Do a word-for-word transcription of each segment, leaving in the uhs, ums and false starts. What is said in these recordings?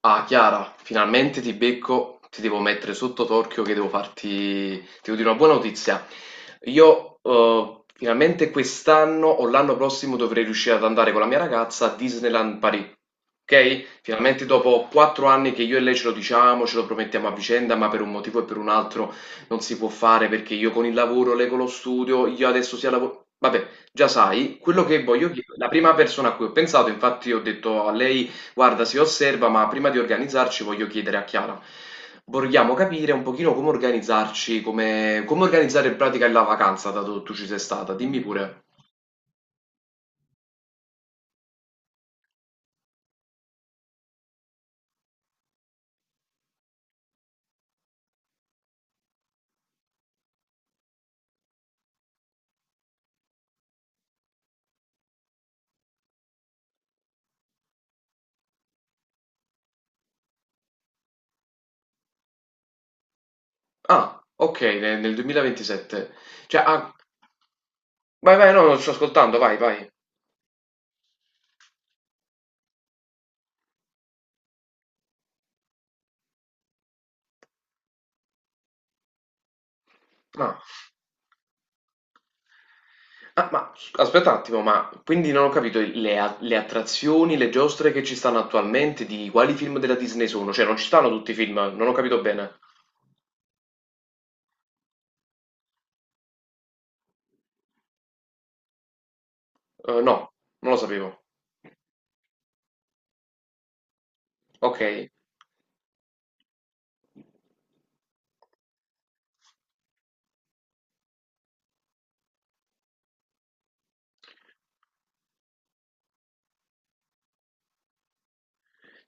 Ah, Chiara, finalmente ti becco, ti devo mettere sotto torchio che devo farti, ti devo dire una buona notizia. Io eh, finalmente quest'anno o l'anno prossimo dovrei riuscire ad andare con la mia ragazza a Disneyland Paris. Ok? Finalmente dopo quattro anni che io e lei ce lo diciamo, ce lo promettiamo a vicenda, ma per un motivo e per un altro non si può fare perché io con il lavoro, lei con lo studio, io adesso sia lavoro... Vabbè, già sai, quello che voglio chiedere, la prima persona a cui ho pensato, infatti ho detto a lei guarda, si osserva, ma prima di organizzarci voglio chiedere a Chiara. Vogliamo capire un pochino come organizzarci, come, come organizzare in pratica la vacanza, dato che tu ci sei stata. Dimmi pure. Ah, ok, ne- nel duemilaventisette. Cioè, ah, vai, vai, no, non sto ascoltando, vai, vai. Ah, ah, ma s- aspetta un attimo, ma quindi non ho capito le, a- le attrazioni, le giostre che ci stanno attualmente, di quali film della Disney sono? Cioè, non ci stanno tutti i film, non ho capito bene. Eh, no, non lo sapevo. Ok.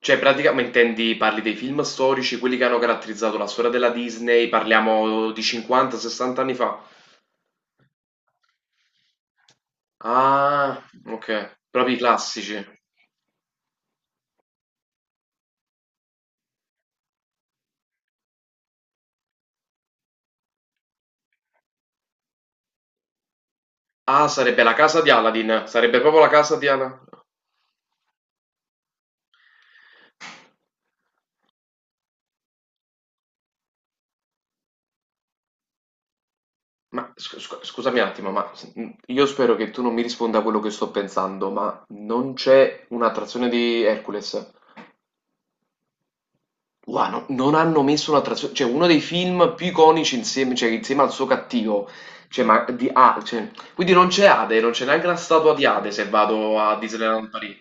Cioè pratica ma intendi parli dei film storici, quelli che hanno caratterizzato la storia della Disney, parliamo di cinquanta, sessanta anni fa? Ah, okay, proprio i classici. Ah, sarebbe la casa di Aladdin, sarebbe proprio la casa di Ala. Ma scu scu scusami un attimo, ma s mhmm, io spero che tu non mi risponda a quello che sto pensando, ma non c'è una trazione di Hercules? Guarda, no- non hanno messo una traduzione, cioè uno dei film più iconici insieme, cioè, insieme al suo cattivo, cioè, ma di A, cioè, quindi non c'è Ade, non c'è neanche la statua di Ade se vado a Disneyland Paris.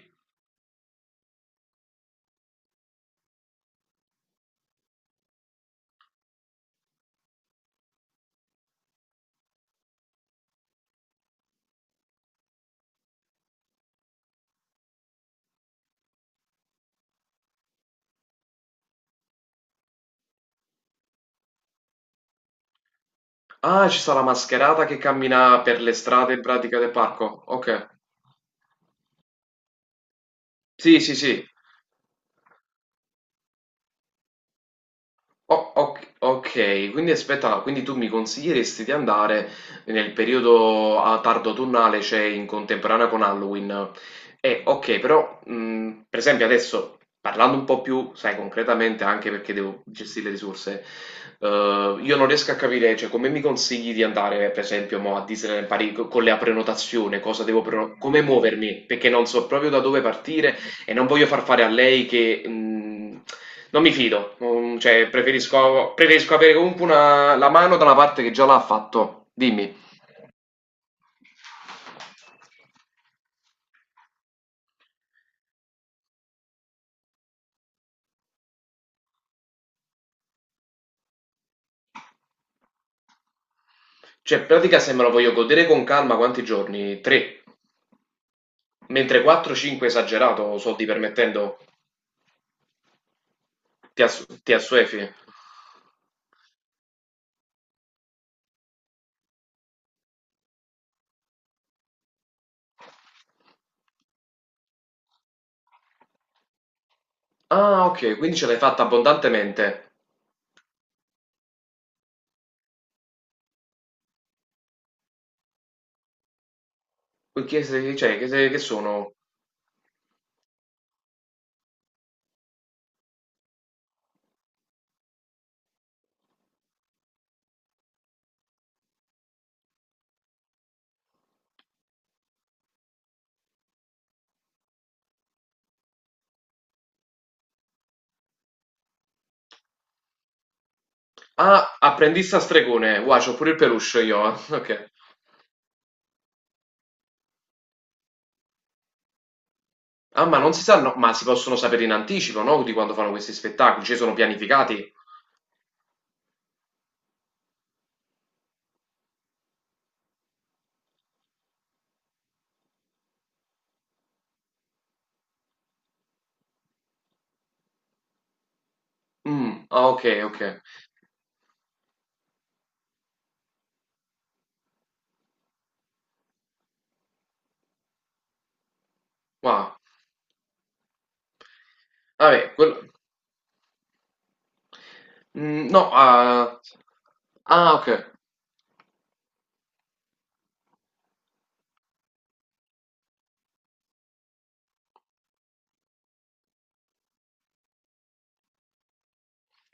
Ah, ci sta la mascherata che cammina per le strade in pratica del parco, ok. Sì, sì, sì. O oc okay, quindi aspetta, quindi tu mi consiglieresti di andare nel periodo a tardo autunnale, cioè in contemporanea con Halloween. Eh, ok, però mh, per esempio adesso parlando un po' più, sai, concretamente, anche perché devo gestire le risorse, eh, io non riesco a capire, cioè, come mi consigli di andare, per esempio, mo, a Disneyland Paris co- con la prenotazione, cosa devo preno- come muovermi, perché non so proprio da dove partire e non voglio far fare a lei che mh, non mi fido, mm, cioè preferisco, preferisco avere comunque una, la mano da una parte che già l'ha fatto. Dimmi, cioè in pratica se me lo voglio godere con calma quanti giorni? Tre, mentre quattro cinque esagerato, soldi permettendo, ti, ass- ti assuefi. Ah, ok, quindi ce l'hai fatta abbondantemente. Che, se- cioè, che, se- che sono? Ah, apprendista stregone, wow, c'ho pure il peluche io, eh. Ok. Ah, ma non si sa, no, ma si possono sapere in anticipo, no? Di quando fanno questi spettacoli, cioè sono pianificati. Mm, ah, ok, ok. Wow. Vabbè, quello... Mm, no, ah, ah, ok.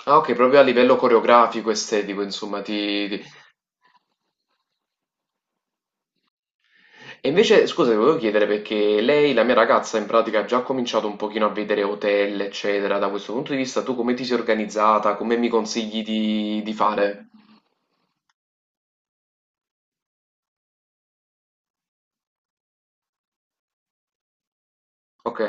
Ah, ok, proprio a livello coreografico, estetico, insomma, ti... ti-. E invece, scusa, ti volevo chiedere perché lei, la mia ragazza, in pratica ha già cominciato un pochino a vedere hotel, eccetera. Da questo punto di vista, tu come ti sei organizzata? Come mi consigli di, di fare? Ok.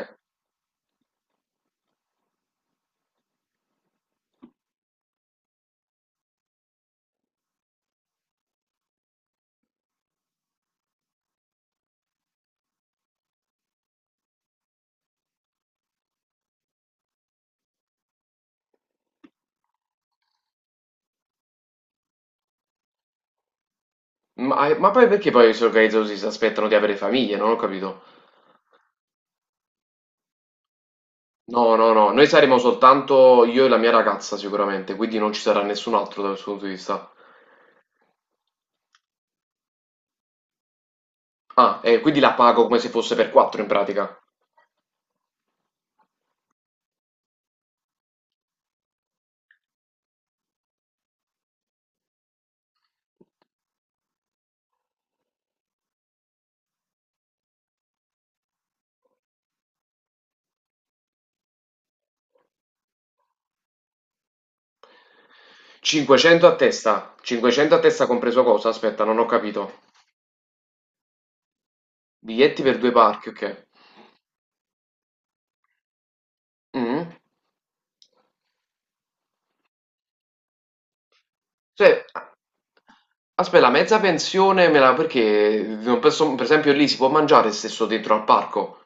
Ma, eh, ma poi perché poi si organizzano così, si aspettano di avere famiglie? Non ho capito. No, no, no, noi saremo soltanto io e la mia ragazza sicuramente, quindi non ci sarà nessun altro dal suo punto di vista. Ah, e quindi la pago come se fosse per quattro in pratica. cinquecento a testa, cinquecento a testa compreso cosa? Aspetta, non ho capito. Biglietti per due parchi, ok. Mm. Cioè, aspetta, la mezza pensione me la... perché non posso- per esempio lì si può mangiare stesso dentro al parco?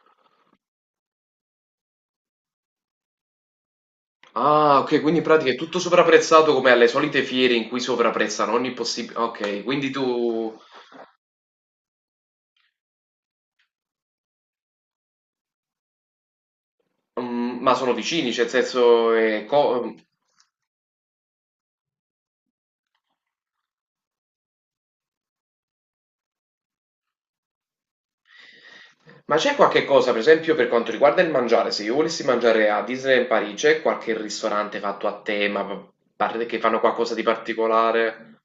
Ah, ok, quindi in pratica è tutto sopravprezzato come alle solite fiere in cui sovrapprezzano ogni possibile. Ok, quindi tu. Mm, ma sono vicini, cioè, nel senso. è co- Ma c'è qualche cosa, per esempio, per quanto riguarda il mangiare? Se io volessi mangiare a Disneyland Parigi, c'è qualche ristorante fatto a tema, pa- parte- che fanno qualcosa di particolare?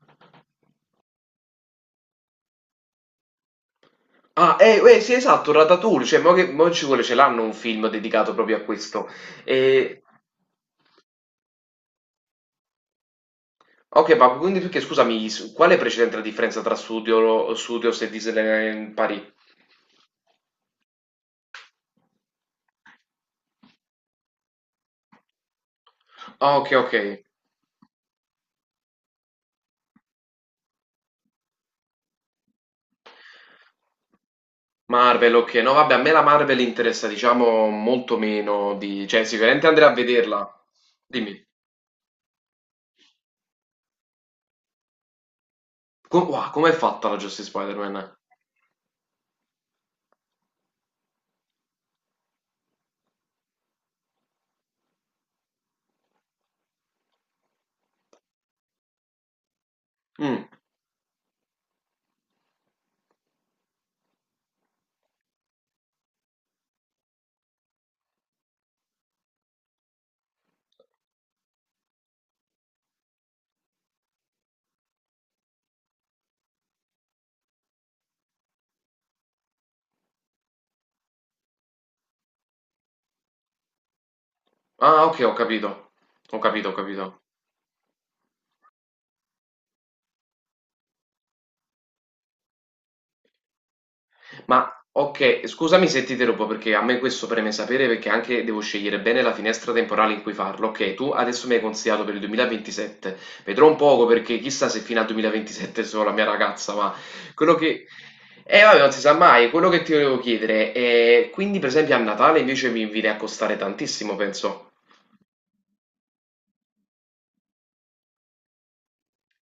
Ah, eh, eh, sì, esatto, Ratatouille, cioè, mo che, mo ci vuole, ce l'hanno un film dedicato proprio a questo. E ok, ma quindi perché scusami, s- qual è precedente la differenza tra Studio, Studios e Disneyland Paris? Ah, ok, ok. Marvel, ok. No, vabbè, a me la Marvel interessa, diciamo, molto meno di... Cioè, sicuramente andrei a vederla. Dimmi. Com- wow, com'è fatta la Justice Spider-Man? Mm. Ah, ok, ho capito. Ho capito, ho capito. Ma ok, scusami se ti interrompo perché a me questo preme sapere perché anche devo scegliere bene la finestra temporale in cui farlo. Ok, tu adesso mi hai consigliato per il duemilaventisette. Vedrò un poco perché chissà se fino al duemilaventisette sono la mia ragazza, ma quello che... Eh vabbè, non si sa mai, quello che ti volevo chiedere è... Quindi per esempio a Natale invece mi viene a costare tantissimo, penso.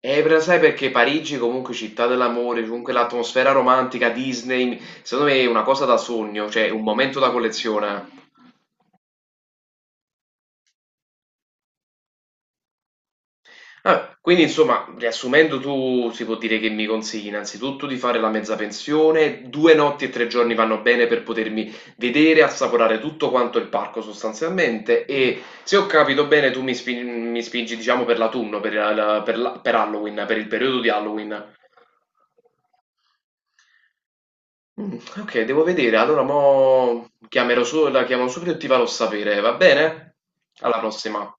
Eh, però sai perché Parigi comunque città dell'amore, comunque l'atmosfera romantica, Disney, secondo me è una cosa da sogno, cioè un momento da collezione. Ah, quindi insomma, riassumendo, tu si può dire che mi consigli innanzitutto di fare la mezza pensione, due notti e tre giorni vanno bene per potermi vedere, assaporare tutto quanto il parco sostanzialmente e se ho capito bene tu mi, spin- mi spingi diciamo per l'autunno, per, la- per la- per Halloween, per il periodo di Halloween. Mm, ok, devo vedere, allora mo chiamerò su, la chiamo subito e ti farò sapere, va bene? Alla prossima.